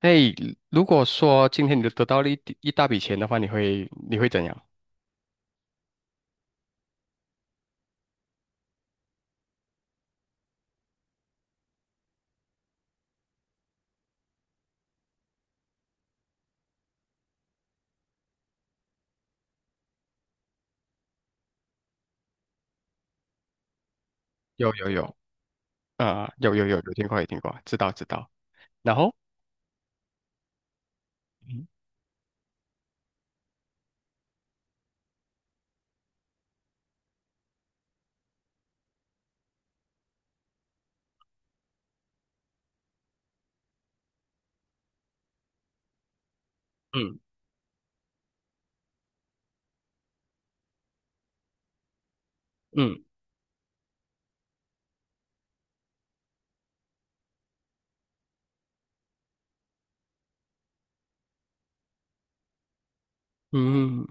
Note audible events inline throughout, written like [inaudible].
哎，如果说今天你得到了一大笔钱的话，你会怎样？有有有，有听过有听过，知道知道。然后，嗯嗯嗯，嗯，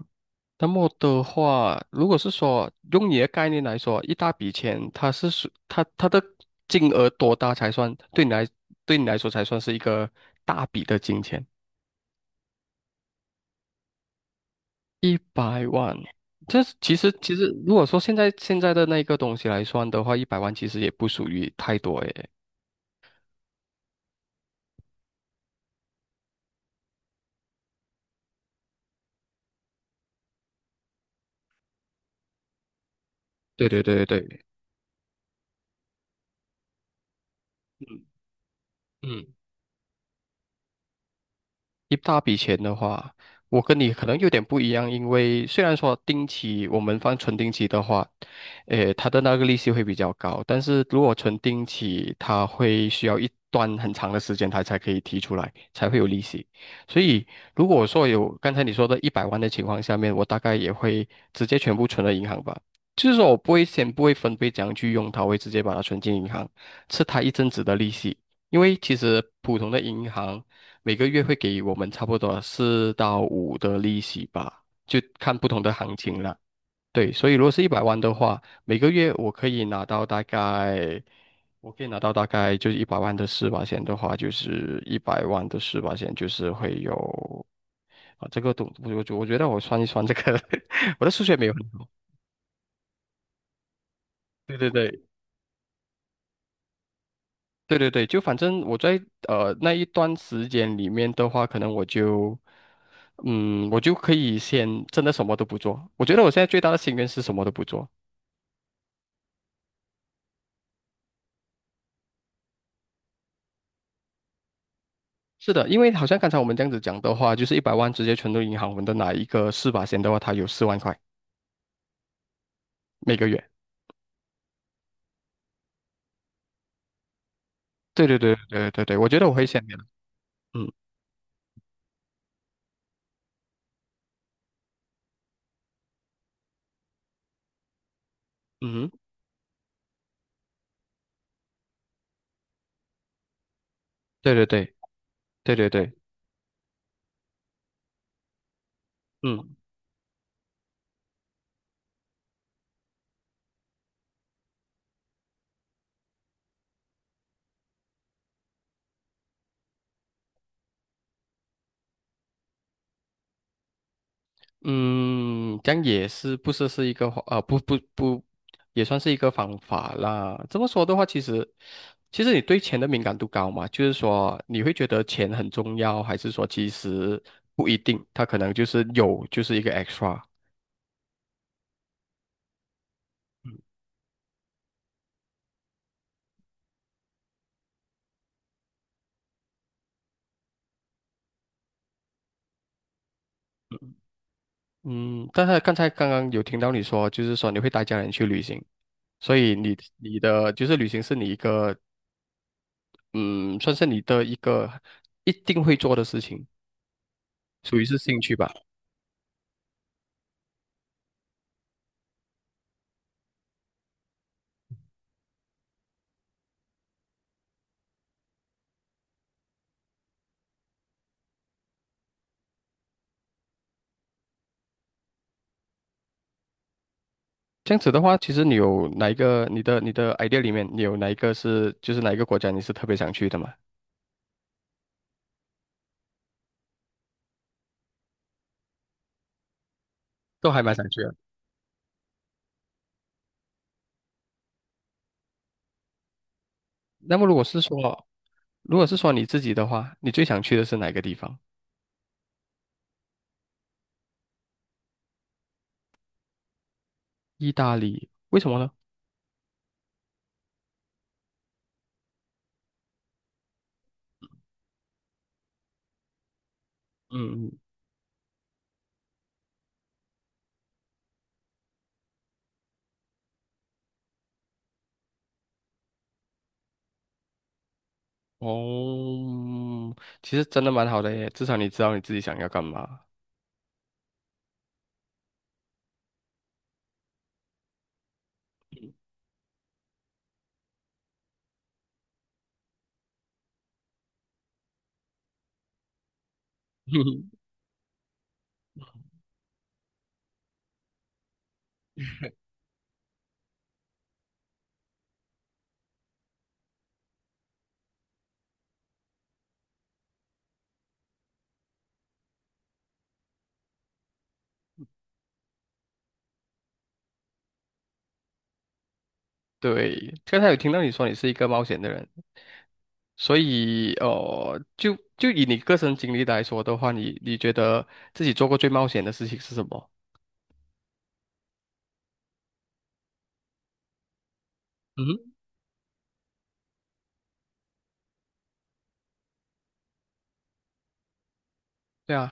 那么的话，如果是说用你的概念来说，一大笔钱，它是它的金额多大才算对你来说才算是一个大笔的金钱？一百万，这是其实如果说现在的那个东西来算的话，一百万其实也不属于太多诶。对对对对对，嗯，一大笔钱的话，我跟你可能有点不一样，因为虽然说定期我们存定期的话，诶，它的那个利息会比较高，但是如果存定期，它会需要一段很长的时间，它才可以提出来，才会有利息。所以如果说有刚才你说的一百万的情况下面，我大概也会直接全部存到银行吧。就是说我不会分配怎样去用它，我会直接把它存进银行，吃它一阵子的利息。因为其实普通的银行。每个月会给我们差不多四到五的利息吧，就看不同的行情了。对，所以如果是一百万的话，每个月我可以拿到大概，我可以拿到大概就是一百万的四八线的话，就是一百万的四八线就是会有啊，这个东我觉得我算一算这个，[laughs] 我的数学没有很好。对对对。对对对，就反正我在那一段时间里面的话，可能我就，我就可以先真的什么都不做。我觉得我现在最大的心愿是什么都不做。是的，因为好像刚才我们这样子讲的话，就是一百万直接存入银行，我们的哪一个四把钱的话，它有4万块每个月。对对对对对对，我觉得我会先给的。嗯，嗯哼，对对对对对对，嗯。嗯，这样也是一个不不不，也算是一个方法啦。这么说的话，其实你对钱的敏感度高嘛，就是说你会觉得钱很重要，还是说其实不一定，他可能就是有就是一个 extra。嗯，但是刚刚有听到你说，就是说你会带家人去旅行，所以你的就是旅行是你一个嗯，算是你的一个一定会做的事情，属于是兴趣吧。这样子的话，其实你有哪一个你的 idea 里面，你有哪一个是就是哪一个国家你是特别想去的吗？都还蛮想去的。那么如果是说你自己的话，你最想去的是哪个地方？意大利，为什么呢？嗯嗯，哦，其实真的蛮好的耶，至少你知道你自己想要干嘛。嗯 [laughs] 对，刚才有听到你说你是一个冒险的人，所以就以你个人经历来说的话，你觉得自己做过最冒险的事情是什么？对啊，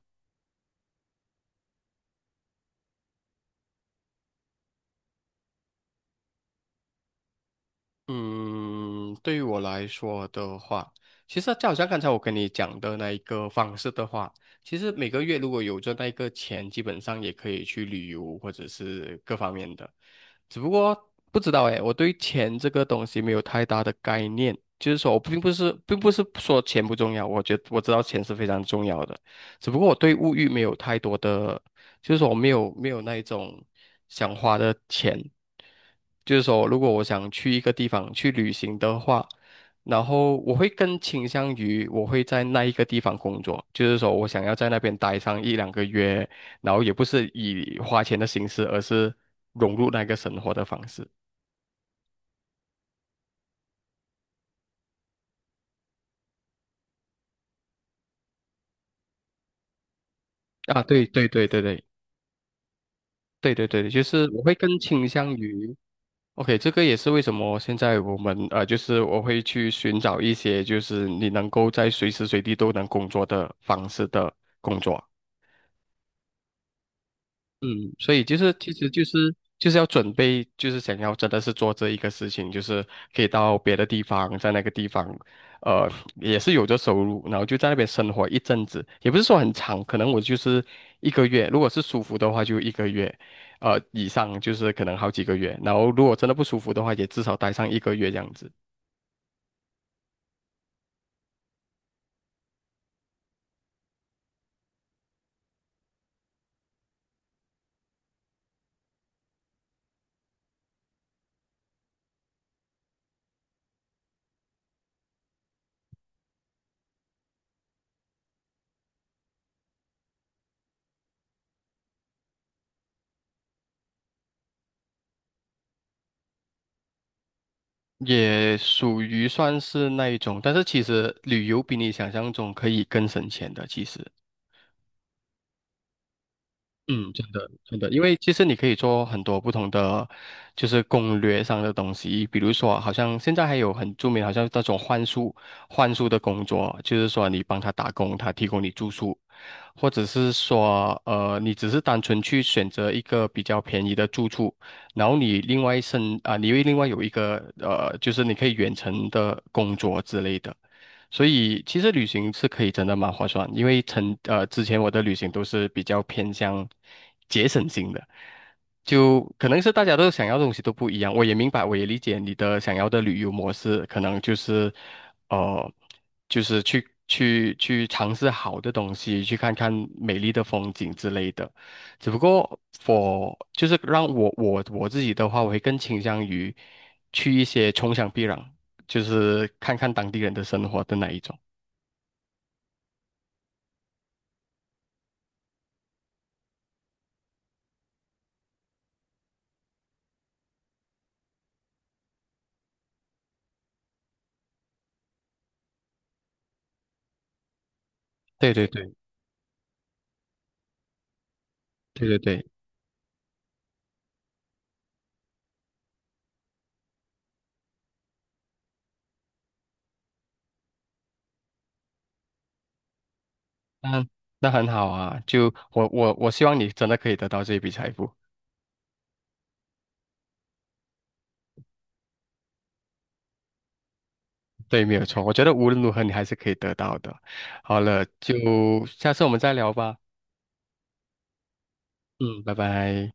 嗯，对于我来说的话，其实就好像刚才我跟你讲的那一个方式的话，其实每个月如果有赚那一个钱，基本上也可以去旅游或者是各方面的。只不过不知道诶，我对钱这个东西没有太大的概念，就是说我并不是说钱不重要，我知道钱是非常重要的，只不过我对物欲没有太多的就是说我没有那一种想花的钱，就是说如果我想去一个地方去旅行的话，然后我会更倾向于我会在那一个地方工作，就是说我想要在那边待上一两个月，然后也不是以花钱的形式，而是融入那个生活的方式。啊，对对对对对对对对，就是我会更倾向于。OK，这个也是为什么现在我们就是我会去寻找一些就是你能够在随时随地都能工作的方式的工作。嗯，所以就是其实就是要准备，就是想要真的是做这一个事情，就是可以到别的地方，在那个地方，呃，也是有着收入，然后就在那边生活一阵子，也不是说很长，可能我就是一个月，如果是舒服的话就一个月，以上就是可能好几个月，然后如果真的不舒服的话，也至少待上一个月这样子。也属于算是那一种，但是其实旅游比你想象中可以更省钱的，其实。嗯，真的，真的，因为其实你可以做很多不同的，就是攻略上的东西，比如说，好像现在还有很著名，好像那种幻术的工作，就是说你帮他打工，他提供你住宿，或者是说，你只是单纯去选择一个比较便宜的住处，然后你另外一剩啊、你会另外有一个就是你可以远程的工作之类的。所以其实旅行是可以真的蛮划算，因为之前我的旅行都是比较偏向节省型的，就可能是大家都想要的东西都不一样，我也明白，我也理解你的想要的旅游模式，可能就是。呃，就是去尝试好的东西，去看看美丽的风景之类的。只不过我就是让我我我自己的话，我会更倾向于去一些穷乡僻壤，就是看看当地人的生活的那一种。对对对对对对，那那很好啊！就我希望你真的可以得到这一笔财富。对，没有错，我觉得无论如何你还是可以得到的。好了，就下次我们再聊吧。嗯，拜拜。